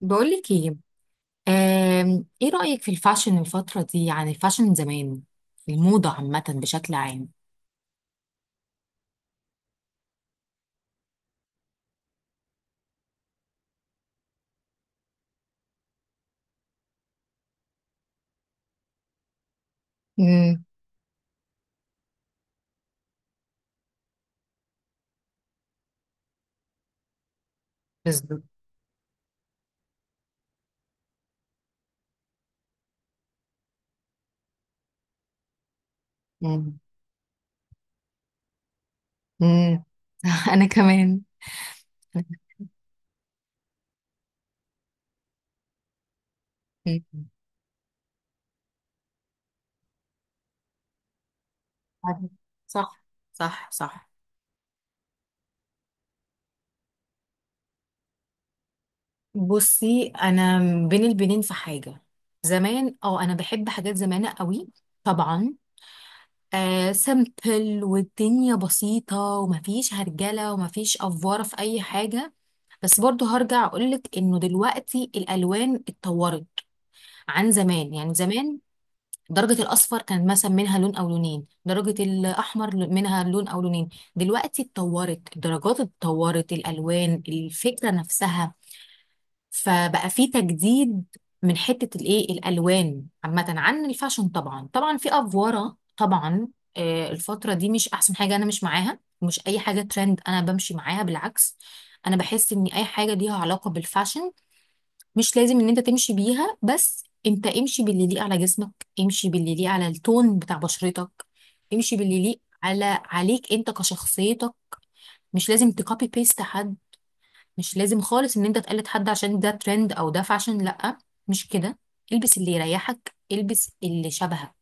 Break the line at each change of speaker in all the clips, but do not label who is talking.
بقولك ايه. ايه رأيك في الفاشن الفترة دي؟ يعني الفاشن زمان، الموضة عامة بشكل عام. امم بالظبط. مم. امم انا كمان. مم. عارف. صح. صح صح. بصي انا، بين البنين في حاجة، زمان اه انا بحب حاجات زمان قوي، طبعا. آه، سمبل والدنيا بسيطة ومفيش هرجلة ومفيش أفوارة في أي حاجة. بس برضو هرجع اقولك انه دلوقتي الالوان اتطورت عن زمان. يعني زمان درجة الأصفر كان مثلا منها لون أو لونين، درجة الأحمر منها لون أو لونين. دلوقتي اتطورت الدرجات، اتطورت الألوان، الفكرة نفسها. فبقى في تجديد من حتة الإيه، الألوان عامة عن الفاشن. طبعا طبعا في أفوارة طبعا. آه، الفترة دي مش أحسن حاجة، أنا مش معاها. مش أي حاجة ترند أنا بمشي معاها، بالعكس. أنا بحس إن أي حاجة ليها علاقة بالفاشن مش لازم ان انت تمشي بيها، بس انت امشي باللي يليق على جسمك، امشي باللي يليق على التون بتاع بشرتك، امشي باللي يليق على عليك انت كشخصيتك. مش لازم تكوبي بيست حد، مش لازم خالص ان انت تقلد حد عشان ده ترند او ده فاشن، لا، مش كده. البس اللي يريحك، البس اللي شبهك.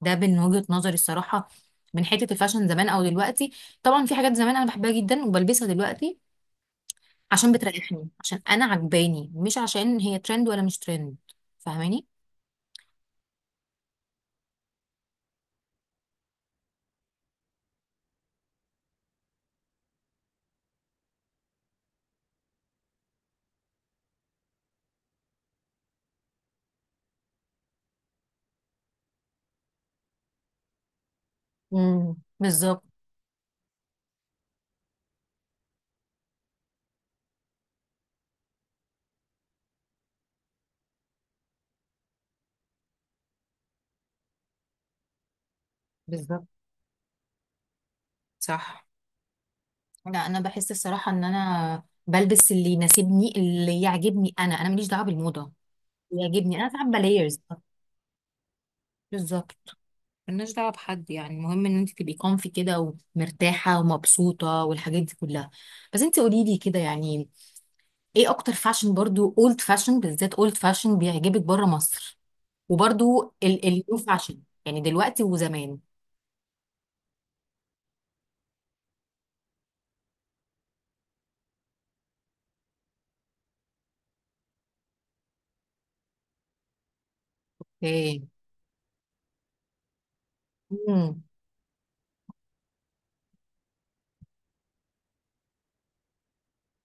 ده من وجهة نظري الصراحة، من حتة الفاشن زمان او دلوقتي. طبعا في حاجات زمان انا بحبها جدا وبلبسها دلوقتي، عشان بتريحني، عشان انا عجباني، مش عشان هي ترند ولا مش ترند. فاهماني؟ بالظبط. بالظبط. صح. لا انا بحس الصراحه ان انا بلبس اللي يناسبني، اللي يعجبني انا، ماليش دعوه بالموضه. اللي يعجبني انا ساعات بلايرز. بالظبط. مالناش دعوه بحد يعني، المهم ان انت تبقي كونفي كده ومرتاحه ومبسوطه والحاجات دي كلها. بس انت قولي لي كده يعني، ايه اكتر فاشن برضو، اولد فاشن بالذات، اولد فاشن بيعجبك بره مصر؟ وبرضو النيو فاشن يعني دلوقتي وزمان. ايه. امم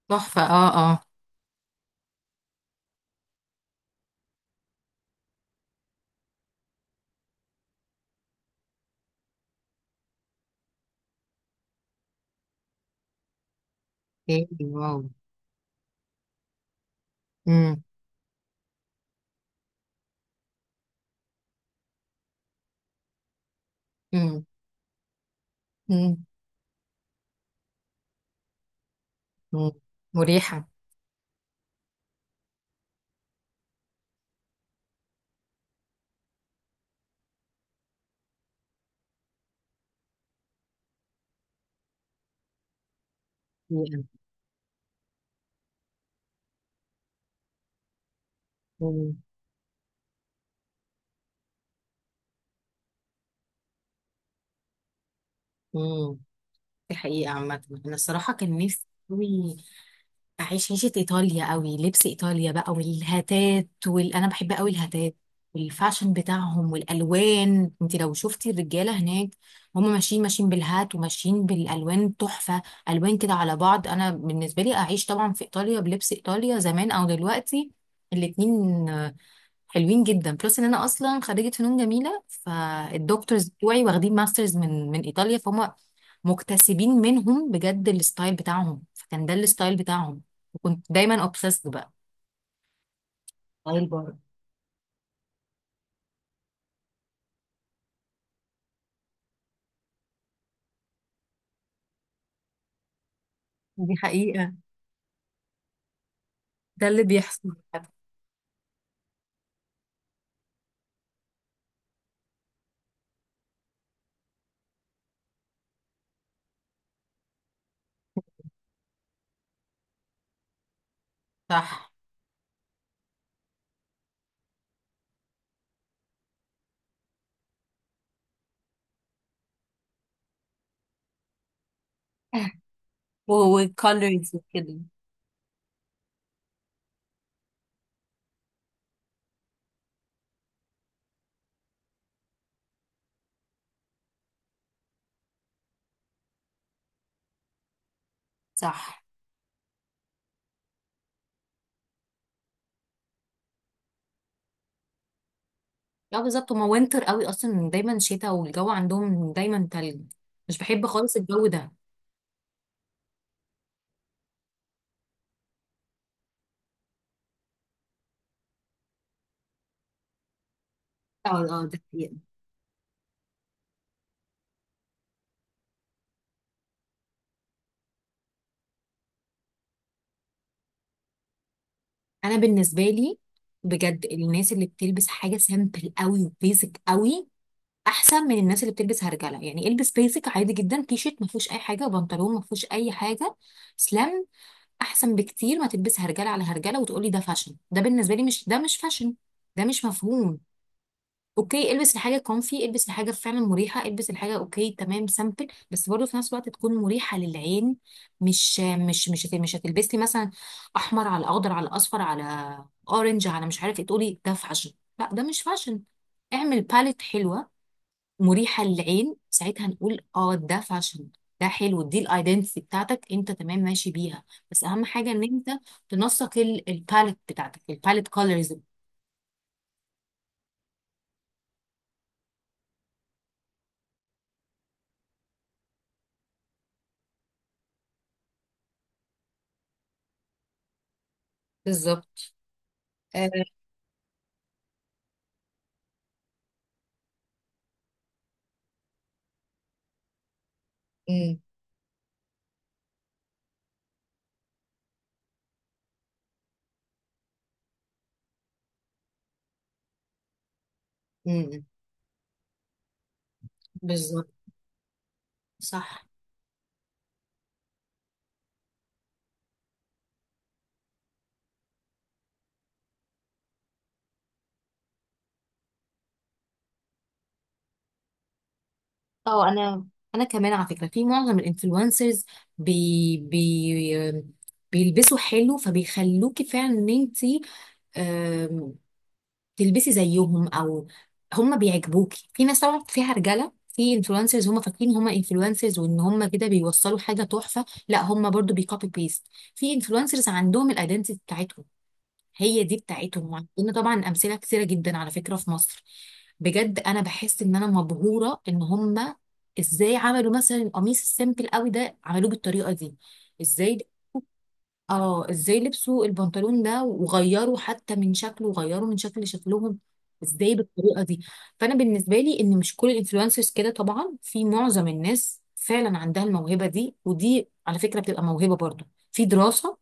تحفه، اه اه. ايه، واو. امم امم امم امم مريحة. حقيقة. امم امم دي حقيقة. عامة أنا الصراحة كان نفسي أوي أعيش عيشة إيطاليا أوي، لبس إيطاليا بقى والهتات أنا بحب أوي الهتات والفاشن بتاعهم والألوان. أنت لو شفتي الرجالة هناك، هم ماشيين، ماشيين بالهات وماشيين بالألوان تحفة. ألوان كده على بعض. أنا بالنسبة لي أعيش طبعا في إيطاليا بلبس إيطاليا، زمان أو دلوقتي، الاتنين حلوين جدا. بلس ان انا اصلا خريجه فنون جميله، فالدكتورز بتوعي واخدين ماسترز من ايطاليا، فهم مكتسبين منهم بجد الستايل بتاعهم، فكان ده الستايل بتاعهم، وكنت دايما اوبسيسد بقى ستايل برضه. دي حقيقة. ده اللي بيحصل. صح. وكولرز وكده. صح. لا بالظبط هما وينتر قوي اصلا، دايما شتاء والجو عندهم دايما تلج، مش بحب خالص الجو ده. اه. اه ده حقيقة. انا بالنسبه لي بجد، الناس اللي بتلبس حاجه سامبل قوي وبيزك قوي احسن من الناس اللي بتلبس هرجله. يعني البس بيزك عادي جدا، تي شيرت ما فيهوش اي حاجه وبنطلون ما فيهوش اي حاجه، سلام، احسن بكتير ما تلبس هرجله على هرجله وتقولي ده فاشن. ده بالنسبه لي مش، ده مش فاشن، ده مش مفهوم. اوكي، البس الحاجه كونفي، البس الحاجه فعلا مريحه، البس الحاجه اوكي تمام سامبل، بس برضه في نفس الوقت تكون مريحه للعين. مش هتلبسي مثلا احمر على اخضر على اصفر على اورنج على مش عارف ايه، تقولي ده فاشن؟ لا، ده مش فاشن. اعمل باليت حلوه مريحه للعين، ساعتها نقول اه ده فاشن، ده حلو، دي الايدنتي بتاعتك انت، تمام ماشي بيها. بس اهم حاجه ان انت تنسق الباليت بتاعتك، الباليت كولرز. بالظبط. آه. أمم. بالظبط. صح. اه انا، انا كمان على فكره في معظم الانفلونسرز، بي بيلبسوا حلو، فبيخلوكي فعلا ان انت تلبسي زيهم، او هم بيعجبوكي. في ناس طبعا فيها رجاله، في انفلونسرز هم فاكرين هم انفلونسرز وان هم كده بيوصلوا حاجه تحفه، لا هم برضو بيكوبي بيست. في انفلونسرز عندهم الايدنتي بتاعتهم، هي دي بتاعتهم، وعندنا طبعا امثله كثيره جدا على فكره في مصر. بجد انا بحس ان انا مبهوره ان هم ازاي عملوا مثلا القميص السيمبل قوي ده عملوه بالطريقه دي، ازاي. اه ازاي لبسوا البنطلون ده وغيروا حتى من شكله، وغيروا من شكل شكلهم ازاي بالطريقه دي. فانا بالنسبه لي ان مش كل الانفلونسرز كده طبعا، في معظم الناس فعلا عندها الموهبه دي، ودي على فكره بتبقى موهبه برضو، في دراسه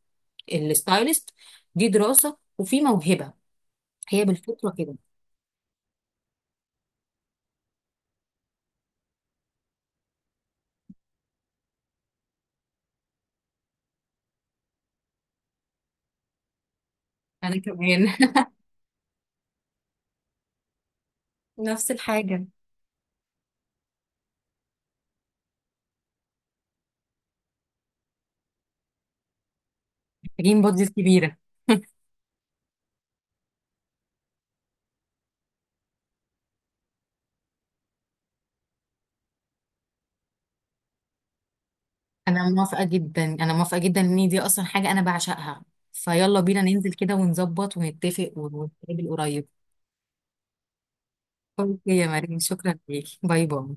الستايلست، دي دراسه وفي موهبه هي بالفطرة كده. أنا كمان نفس الحاجة. محتاجين بادجت كبيرة. أنا موافقة جدا، أنا موافقة جدا، إن دي أصلا حاجة أنا بعشقها. فيلا بينا ننزل كده ونظبط ونتفق ونتقابل قريب. أوكي يا مريم، شكرا ليك، باي باي.